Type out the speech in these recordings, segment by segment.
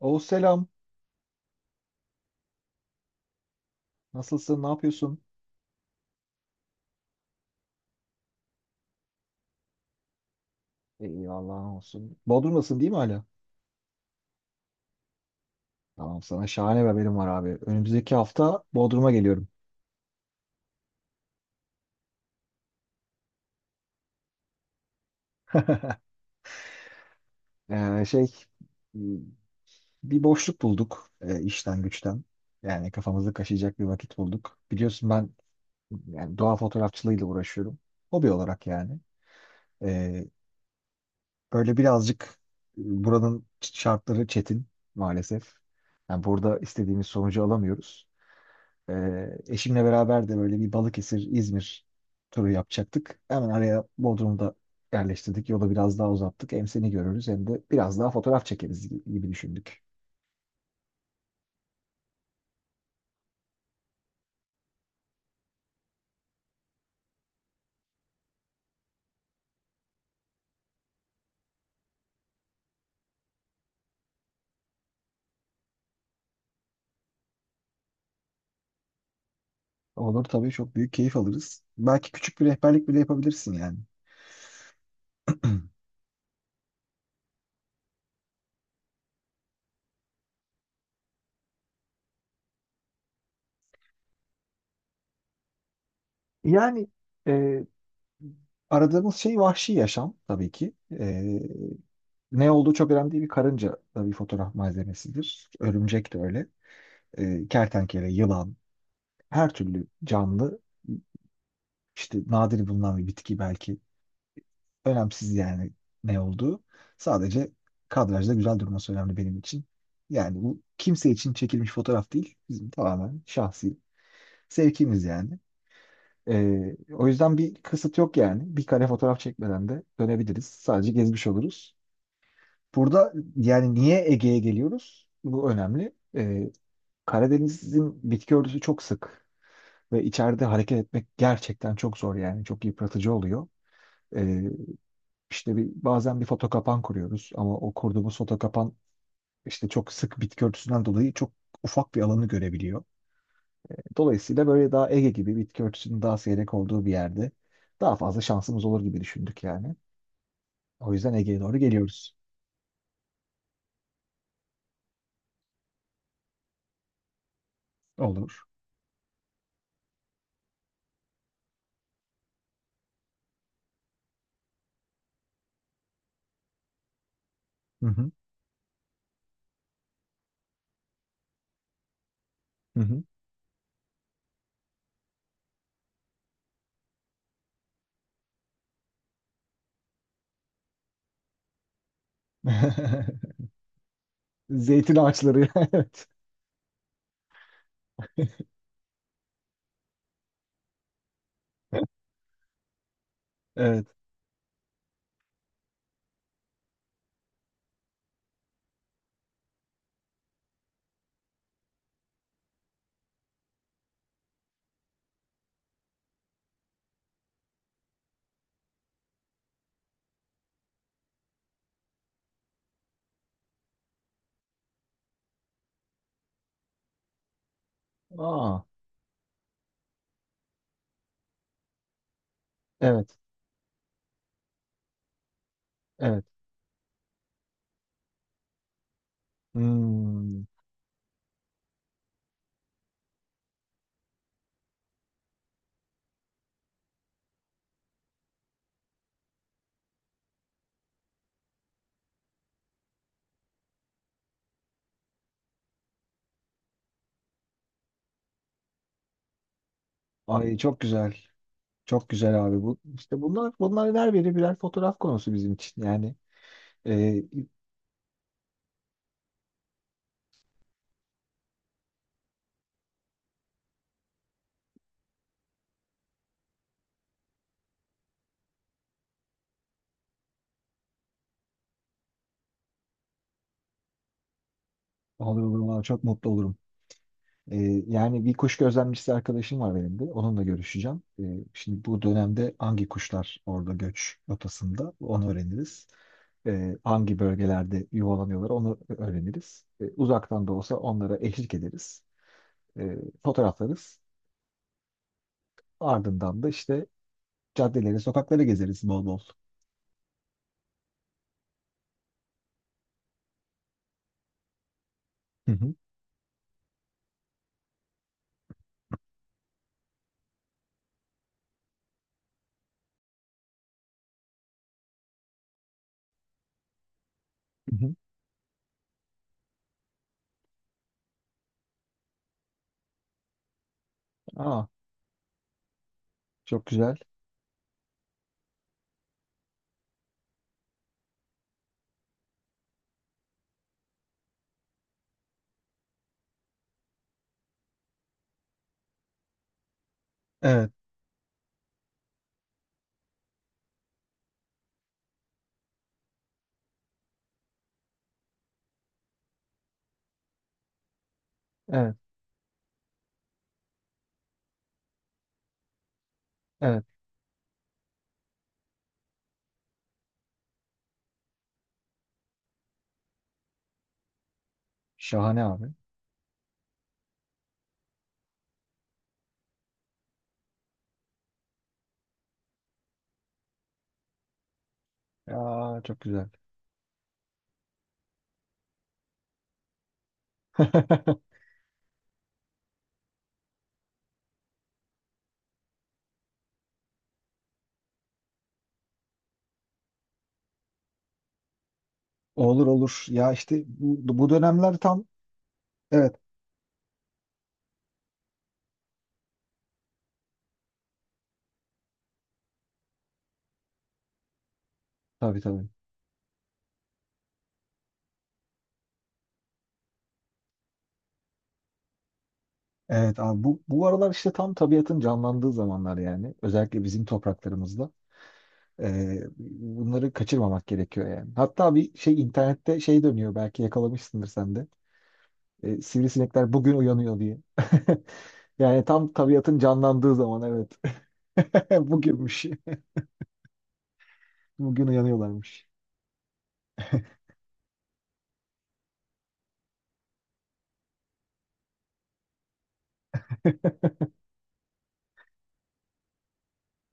Oğuz selam. Nasılsın? Ne yapıyorsun? İyi Allah'ın olsun. Bodrum'dasın değil mi hala? Tamam, sana şahane bir haberim var abi. Önümüzdeki hafta Bodrum'a geliyorum. Ee, şey m, Bir boşluk bulduk işten güçten. Yani kafamızı kaşıyacak bir vakit bulduk. Biliyorsun, ben yani doğa fotoğrafçılığıyla uğraşıyorum. Hobi olarak yani. Ee, Böyle birazcık buranın şartları çetin maalesef. Yani burada istediğimiz sonucu alamıyoruz. Eşimle beraber de böyle bir Balıkesir, İzmir turu yapacaktık. Hemen araya Bodrum'u da yerleştirdik. Yolu biraz daha uzattık. Hem seni görürüz hem de biraz daha fotoğraf çekeriz gibi düşündük. Olur tabii, çok büyük keyif alırız. Belki küçük bir rehberlik bile yapabilirsin yani. Yani e, aradığımız şey vahşi yaşam tabii ki. E, Ne olduğu çok önemli değil. Bir karınca da bir fotoğraf malzemesidir. Örümcek de öyle. Kertenkele, yılan, her türlü canlı. İşte nadir bulunan bir bitki belki. Önemsiz yani ne olduğu. Sadece kadrajda güzel durması önemli benim için. Yani bu kimse için çekilmiş fotoğraf değil. Bizim tamamen şahsi sevkimiz yani. O yüzden bir kısıt yok yani. Bir kare fotoğraf çekmeden de dönebiliriz. Sadece gezmiş oluruz. Burada yani niye Ege'ye geliyoruz? Bu önemli. Karadeniz'in bitki örtüsü çok sık ve içeride hareket etmek gerçekten çok zor yani. Çok yıpratıcı oluyor. Ee, İşte bazen bir foto kapan kuruyoruz ama o kurduğumuz foto kapan işte çok sık bitki örtüsünden dolayı çok ufak bir alanı görebiliyor. Dolayısıyla böyle daha Ege gibi bitki örtüsünün daha seyrek olduğu bir yerde daha fazla şansımız olur gibi düşündük yani. O yüzden Ege'ye doğru geliyoruz. Olur. Hı hı. Hı hı. Zeytin ağaçları. Evet. Evet. Aa, evet. Evet. Hmm. Ay, çok güzel. Çok güzel abi bu. İşte bunlar her biri birer fotoğraf konusu bizim için. Yani e, olur olur valla çok mutlu olurum. Ee, Yani bir kuş gözlemcisi arkadaşım var benim de. Onunla görüşeceğim. Şimdi bu dönemde hangi kuşlar orada göç rotasında onu öğreniriz. Hangi bölgelerde yuvalanıyorlar onu öğreniriz. Uzaktan da olsa onlara eşlik ederiz. Ee, Fotoğraflarız. Ardından da işte caddeleri, sokakları gezeriz bol bol. Hı hı. Hı hı. Aa, çok güzel. Evet, evet, evet. Şahane abi. Aa, çok güzel. Olur olur. Ya işte bu dönemler tam, evet, tabii tabii. Evet abi, bu aralar işte tam tabiatın canlandığı zamanlar yani. Özellikle bizim topraklarımızda. Bunları kaçırmamak gerekiyor yani. Hatta bir şey internette şey dönüyor belki yakalamışsındır sen de. Sivrisinekler bugün uyanıyor diye. Yani tam tabiatın canlandığı zaman evet. Bugünmüş. Bugün uyanıyorlarmış.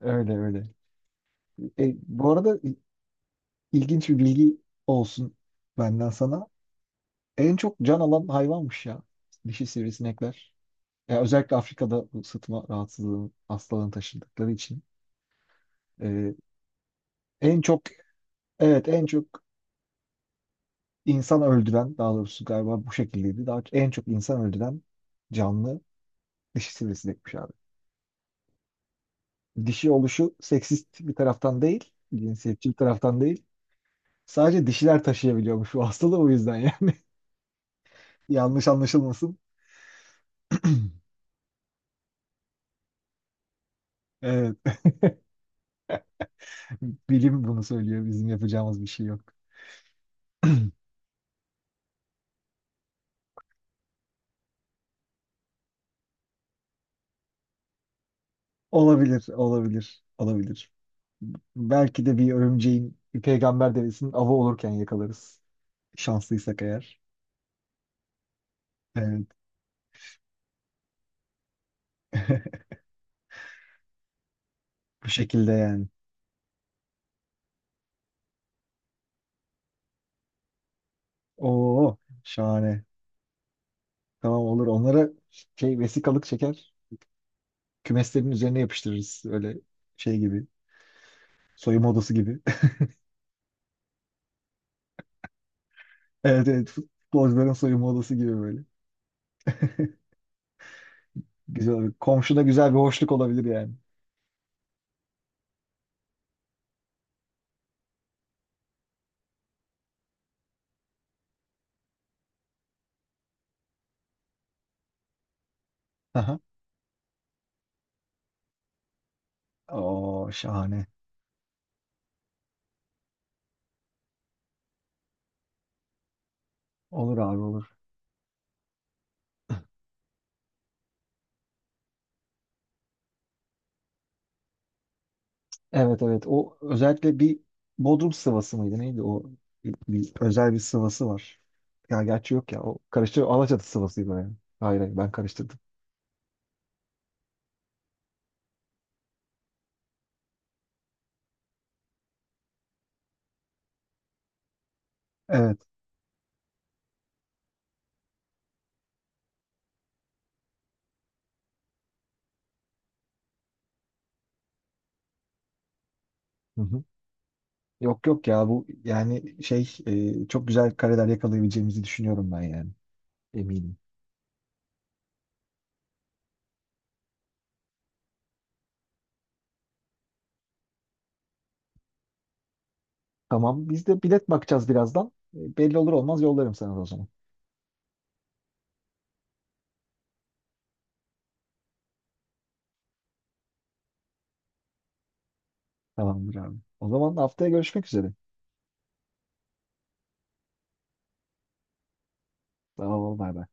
Öyle öyle. Bu arada ilginç bir bilgi olsun benden sana. En çok can alan hayvanmış ya. Dişi sivrisinekler. Ya özellikle Afrika'da bu sıtma rahatsızlığı hastalığını taşıdıkları için. Ee, en çok evet, en çok insan öldüren, daha doğrusu galiba bu şekildeydi. Daha en çok insan öldüren canlı dişi sivrisinekmiş abi. Dişi oluşu seksist bir taraftan değil, cinsiyetçi bir taraftan değil. Sadece dişiler taşıyabiliyormuş bu hastalığı, o yüzden yani. Yanlış anlaşılmasın. Evet, bilim bunu söylüyor. Bizim yapacağımız bir şey yok. Olabilir, olabilir, olabilir. Belki de bir örümceğin, bir peygamber devesinin avı olurken yakalarız. Şanslıysak eğer. Evet. Bu şekilde yani. Oo, şahane. Tamam, olur. Onlara şey vesikalık çeker. Kümeslerin üzerine yapıştırırız. Öyle şey gibi. Soyunma odası gibi. Evet evet. Futbolcuların soyunma odası gibi böyle. Güzel olur. Komşuda güzel bir hoşluk olabilir yani. Aha. Oo, şahane. Olur abi olur. Evet evet, o özellikle bir Bodrum sıvası mıydı neydi o, bir özel bir sıvası var. Ya gerçi yok ya, o karıştı, Alaçatı sıvasıydı o yani. Hayır hayır, ben karıştırdım. Evet. Hı hı. Yok yok ya bu yani çok güzel kareler yakalayabileceğimizi düşünüyorum ben yani, eminim. Tamam, biz de bilet bakacağız birazdan. Belli olur olmaz yollarım sana o zaman. Tamamdır abi. O zaman haftaya görüşmek üzere. Tamam, ol bay bay.